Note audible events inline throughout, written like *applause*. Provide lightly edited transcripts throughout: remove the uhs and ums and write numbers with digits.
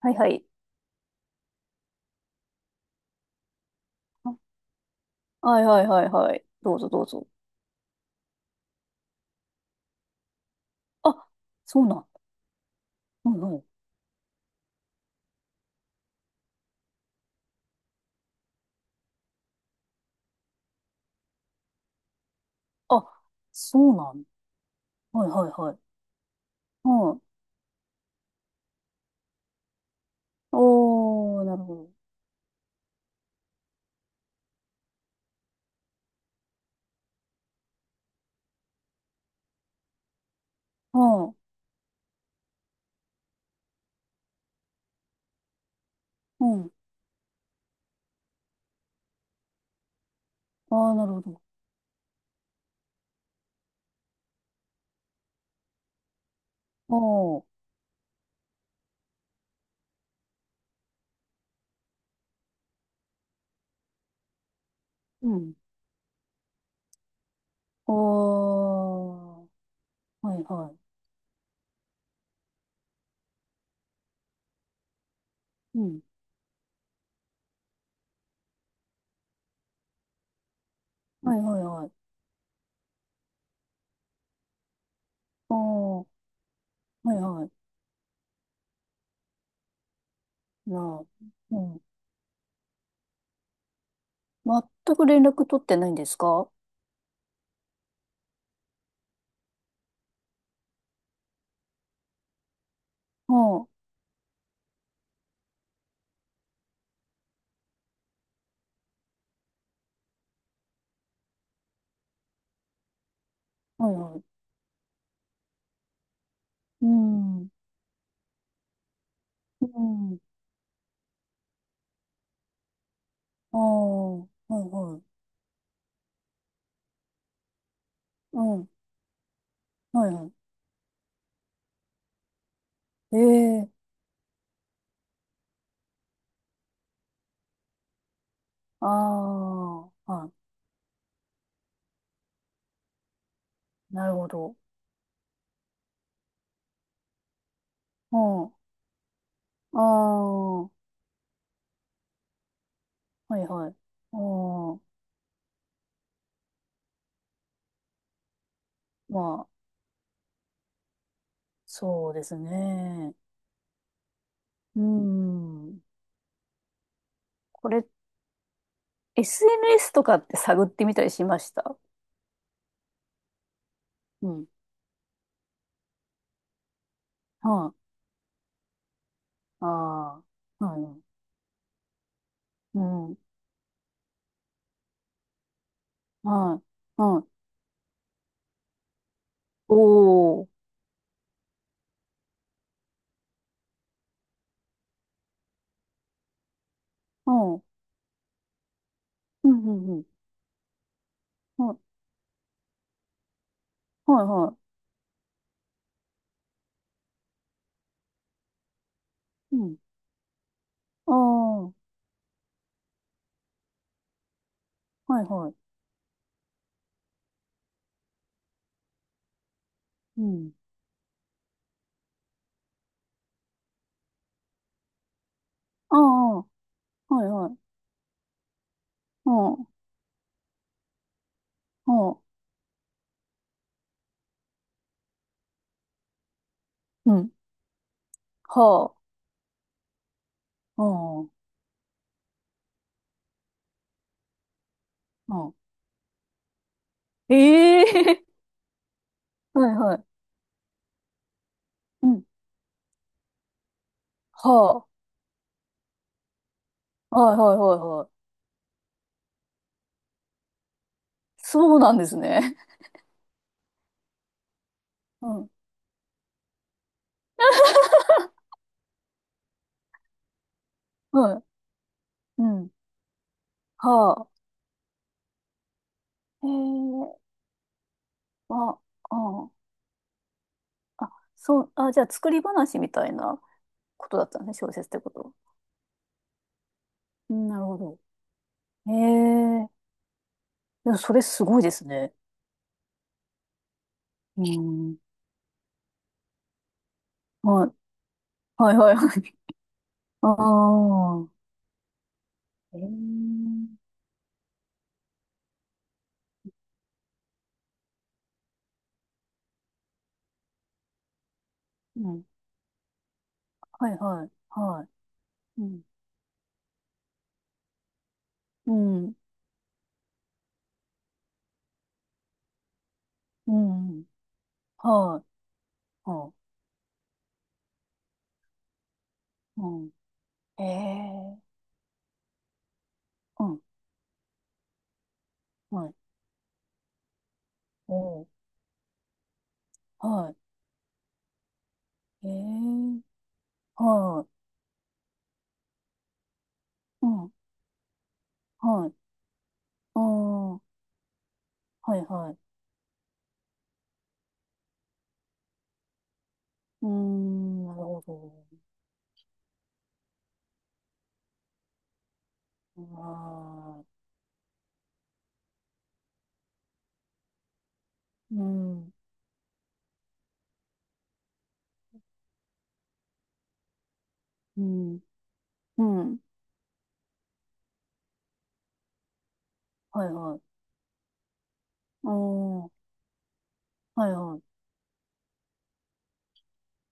はいはい。あ、はいはいはいはい。どうぞどうぞ。あ、そうなん。はいはい。あ、そうなん。はいはいはい。うん。おー、なるほど。うん。うん。あー、なるほど。おー。うん。おー。はいはい。うん。はいはいはい。おー。はいはい。なあ。うん。全く連絡取ってないんですか？ああー、はいはい。うん。うん。ああ、はいはい。うん。はいはい。ええ。ああ、はい、なるほど。うん。ああ、はいはい。うん。まあ、そうですね。うん。これ、SNS とかって探ってみたりしました？うん。はい。ああ、はい。うん。はい。はい。おー。うん。うんうんうん。はい。はいはい。うん。ああ、はいはい。うん。ああ、はいはい。うん。うん。うん。はあ。うん。うん。ええー、 *laughs* はいはい。うん。はあ。はいはいはいはい。そうなんですね。*laughs* うん。はい。うん。はあ。ええ。あ、ああ。あ、そう、あ、じゃあ作り話みたいなことだったんですね、小説ってこと。うん、なるほど。ええ、でもそれすごいですね。うん。はい。はいはいはい。*laughs* ああ。ええ。うん。はいはいはい。うん。うん。うん。はい。はい。うん。ええ。うん、はい。おー、はい。えー、はい。うん、はい。ああ、はい、はい。うーん、なるほど。あー、うん、うん、うん、はい、はい。ああ、はい、はい。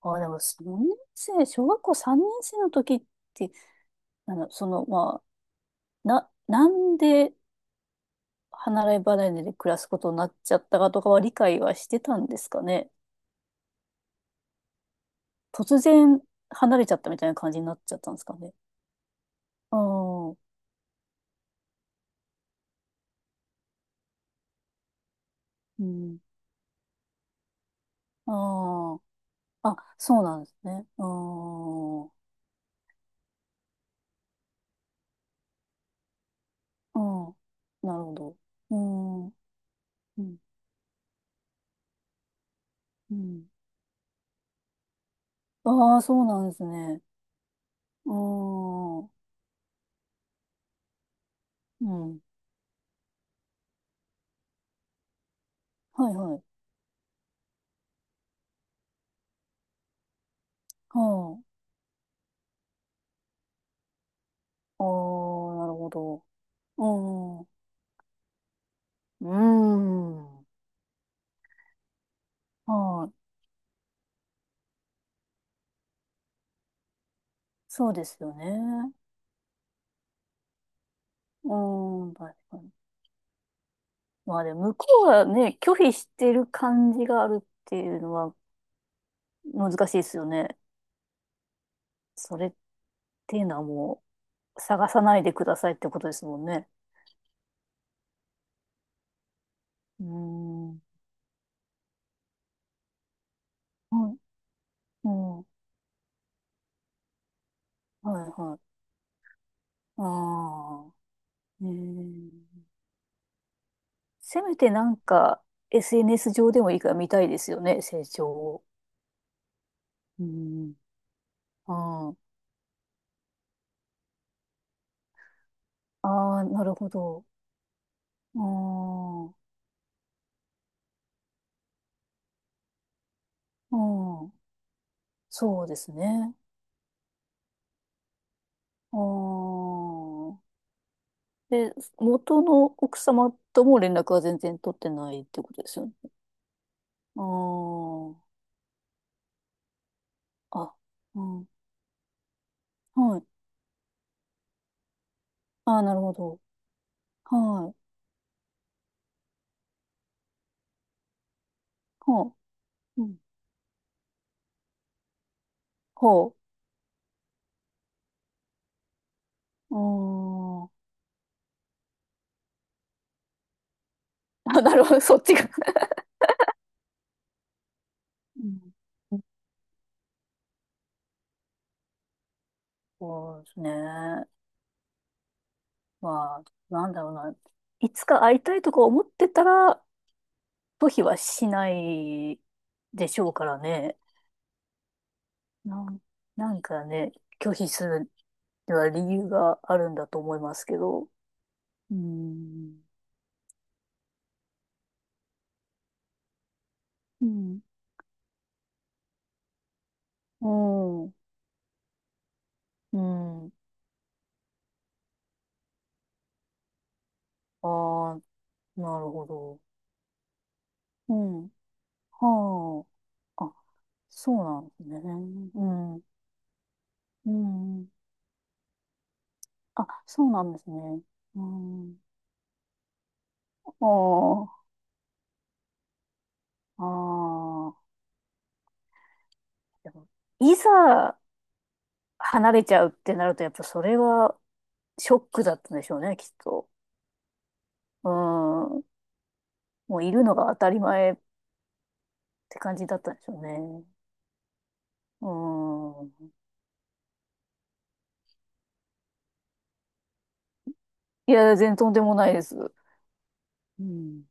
ああでも、3年生、小学校3年生の時って、あの、その、まなんで離れ離れで暮らすことになっちゃったかとかは理解はしてたんですかね。突然離れちゃったみたいな感じになっちゃったんですかね。ああ、うん。ああ。あ、そうなんですね。ああ。うん。なるほど。うん。うん。うん。ああ、そうなんですね。ああ。うん。はいはい。はあ。ああ、なるほど。うん。うん。はい。そうですよね。うん。確かに。まあでも、向こうはね、拒否してる感じがあるっていうのは難しいですよね。それっていうのはもう、探さないでくださいってことですもんね。うーん。はい。うん。はいはい。ああ。えー、せめてなんか SNS 上でもいいから見たいですよね、成長を。うん。あー。あー、なるほど。あー。うん。そうですね。ああ。で、元の奥様とも連絡は全然取ってないってことですよね。ああ。あ、うん。はい。ああ、なるほど。はい。ほう。うん。ほう。うーん。あ、なるほど。そっちが。うん。そうですね。まあ、なんだろうな。いつか会いたいとか思ってたら、拒否はしないでしょうからね。なん、なんかね、拒否するには理由があるんだと思いますけど。うん。うん。うん。うん。ああ、なるほど。うん。はあ。あ、そうなんですね。うん。うん。あ、そうなんですね。うん。おー、ああ。でもいざ離れちゃうってなると、やっぱそれがショックだったんでしょうね、きっと。うん。もういるのが当たり前って感じだったんでしょうね。うん。いや、全然とんでもないです。うん。